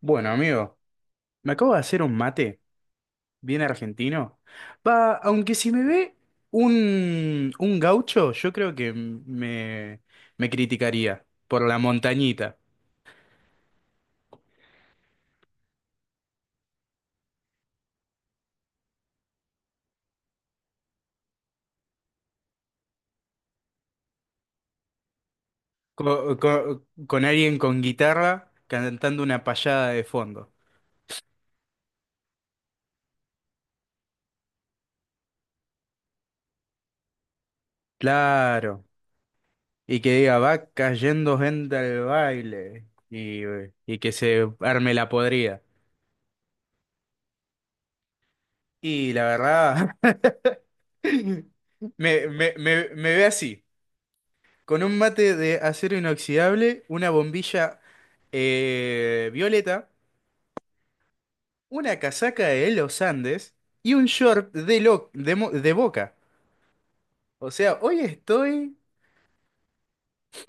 Bueno, amigo, me acabo de hacer un mate, bien argentino. Va, aunque si me ve un gaucho, yo creo que me criticaría por la montañita, alguien con guitarra cantando una payada de fondo. Claro, y que diga, va cayendo gente al baile, y que se arme la podrida. Y la verdad, me ve así. Con un mate de acero inoxidable, una bombilla violeta, una casaca de los Andes y un short de, lo- de, mo- de Boca. O sea, hoy estoy...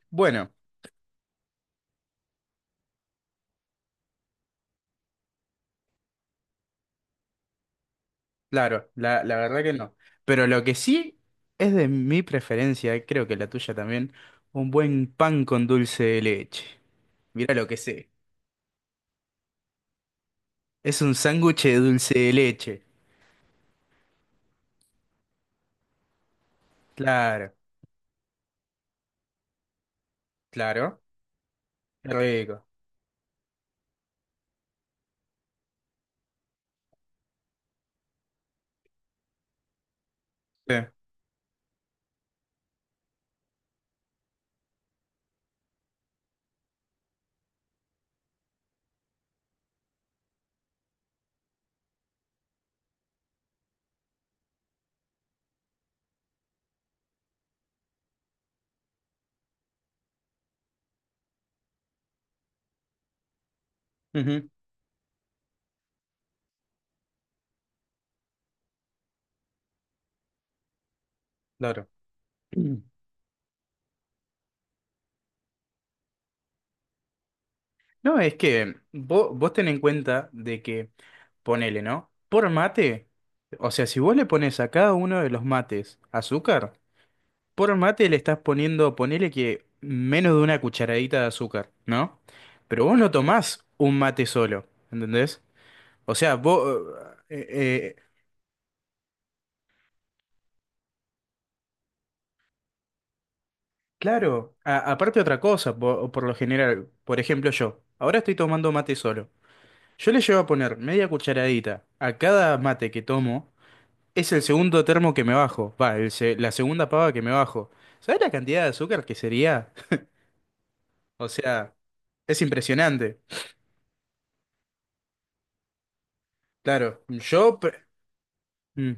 Bueno, claro, la verdad que no. Pero lo que sí es de mi preferencia, creo que la tuya también, un buen pan con dulce de leche. Mira lo que sé. Es un sándwich de dulce de leche. Claro, claro. Qué rico. Sí. Ujú, claro. No, es que vos ten en cuenta de que, ponele, ¿no? Por mate, o sea, si vos le pones a cada uno de los mates azúcar, por mate le estás poniendo, ponele que menos de una cucharadita de azúcar, ¿no? Pero vos no tomás un mate solo, ¿entendés? O sea, vos, eh, eh, claro, a- aparte otra cosa, por lo general, por ejemplo yo, ahora estoy tomando mate solo. Yo le llevo a poner media cucharadita a cada mate que tomo. Es el segundo termo que me bajo. Va, el se- la segunda pava que me bajo. ¿Sabes la cantidad de azúcar que sería? O sea, es impresionante. Claro, yo... pre- mm,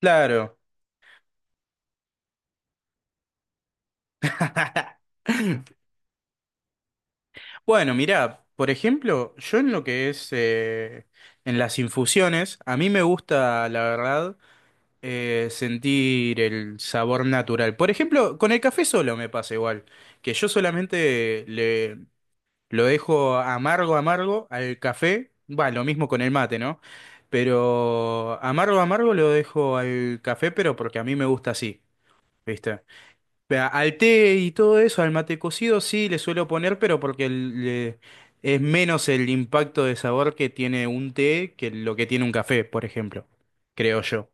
claro. Bueno, mirá, por ejemplo, yo en lo que es en las infusiones, a mí me gusta, la verdad, sentir el sabor natural. Por ejemplo, con el café solo me pasa igual, que yo solamente le, lo dejo amargo, amargo al café. Va, lo mismo con el mate, ¿no? Pero amargo, amargo lo dejo al café, pero porque a mí me gusta así, ¿viste? Vea, al té y todo eso, al mate cocido, sí le suelo poner, pero porque le- es menos el impacto de sabor que tiene un té que lo que tiene un café, por ejemplo, creo yo.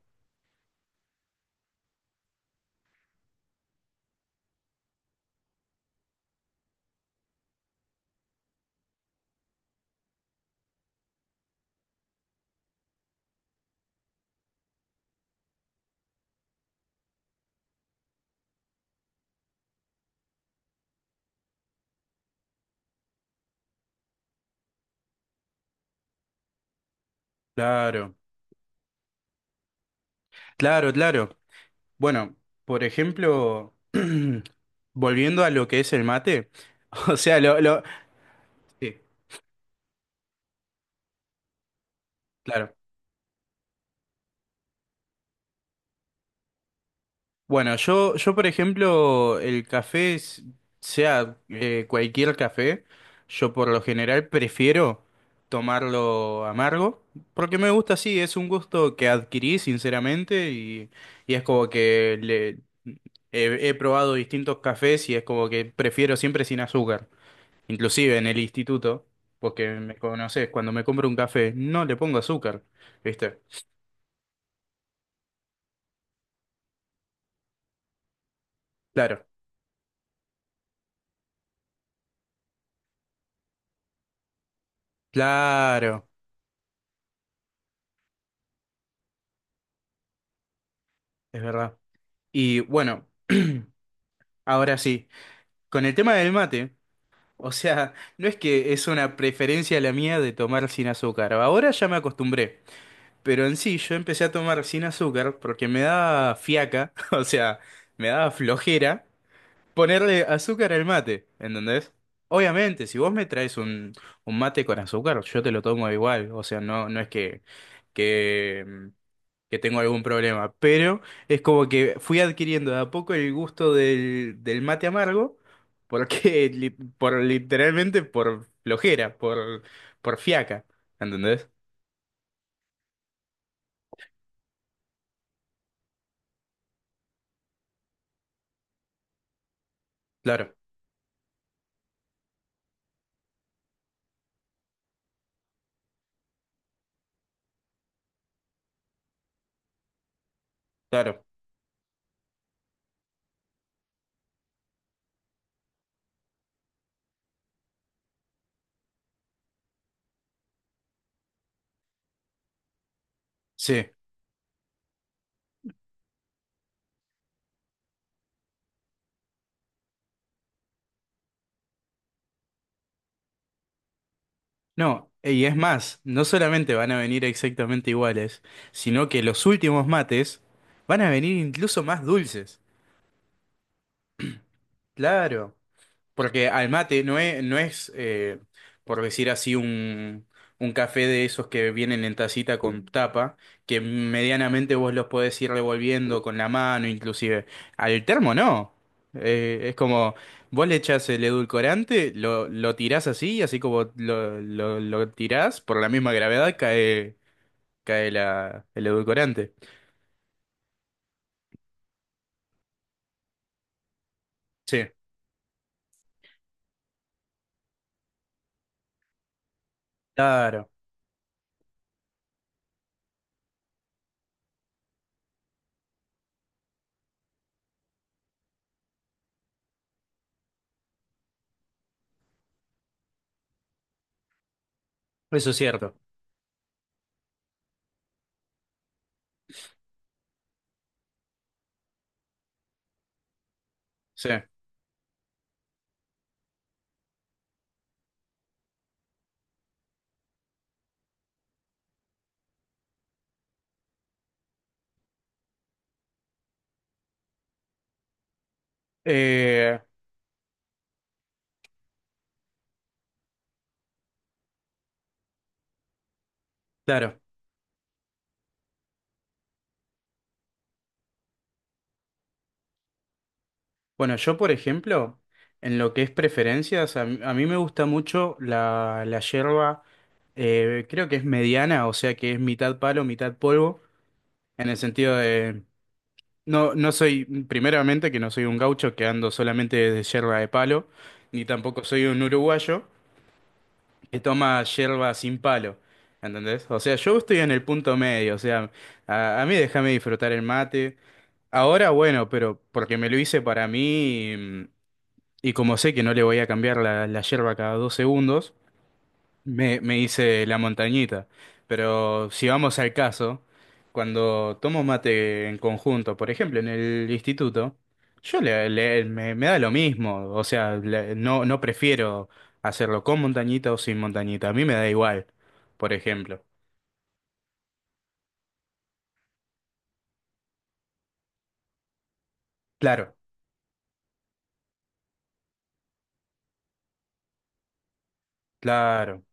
Claro, claro, claro. Bueno, por ejemplo, volviendo a lo que es el mate, o sea, lo... Sí, claro. Bueno, yo por ejemplo, el café, sea cualquier café, yo por lo general prefiero tomarlo amargo, porque me gusta así, es un gusto que adquirí sinceramente y es como que le, he probado distintos cafés y es como que prefiero siempre sin azúcar, inclusive en el instituto, porque me conoces, cuando me compro un café no le pongo azúcar, ¿viste? Claro, claro, es verdad. Y bueno. Ahora sí, con el tema del mate, o sea, no es que es una preferencia la mía de tomar sin azúcar, ahora ya me acostumbré, pero en sí yo empecé a tomar sin azúcar porque me daba fiaca, o sea, me daba flojera ponerle azúcar al mate, ¿entendés? Obviamente, si vos me traes un mate con azúcar, yo te lo tomo igual, o sea, no, no es que que tengo algún problema, pero es como que fui adquiriendo de a poco el gusto del mate amargo, porque li- por literalmente por flojera, por fiaca, ¿entendés? Claro, claro, sí. No, y es más, no solamente van a venir exactamente iguales, sino que los últimos mates van a venir incluso más dulces. Claro. Porque al mate no es, no es por decir así, un café de esos que vienen en tacita con tapa, que medianamente vos los podés ir revolviendo con la mano, inclusive. Al termo no. Es como, vos le echás el edulcorante, lo tirás así, y así como lo tirás, por la misma gravedad cae, cae el edulcorante. Sí, claro, eso es cierto. Sí. Eh, claro. Bueno, yo por ejemplo, en lo que es preferencias, a mí me gusta mucho la yerba, creo que es mediana, o sea que es mitad palo, mitad polvo, en el sentido de, no, no soy, primeramente que no soy un gaucho que ando solamente de yerba de palo, ni tampoco soy un uruguayo que toma yerba sin palo, ¿entendés? O sea, yo estoy en el punto medio, o sea, a mí déjame disfrutar el mate. Ahora, bueno, pero porque me lo hice para mí. Y como sé que no le voy a cambiar la yerba cada dos segundos, me hice la montañita. Pero si vamos al caso, cuando tomo mate en conjunto, por ejemplo, en el instituto, yo le, le- me da lo mismo. O sea, no prefiero hacerlo con montañita o sin montañita. A mí me da igual, por ejemplo. Claro, claro.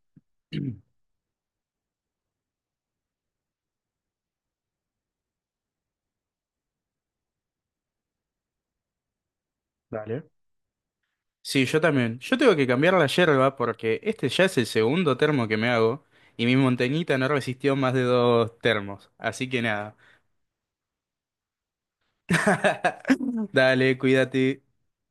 Vale. Sí, yo también. Yo tengo que cambiar la yerba porque este ya es el segundo termo que me hago y mi montañita no resistió más de dos termos. Así que nada. Dale, cuídate.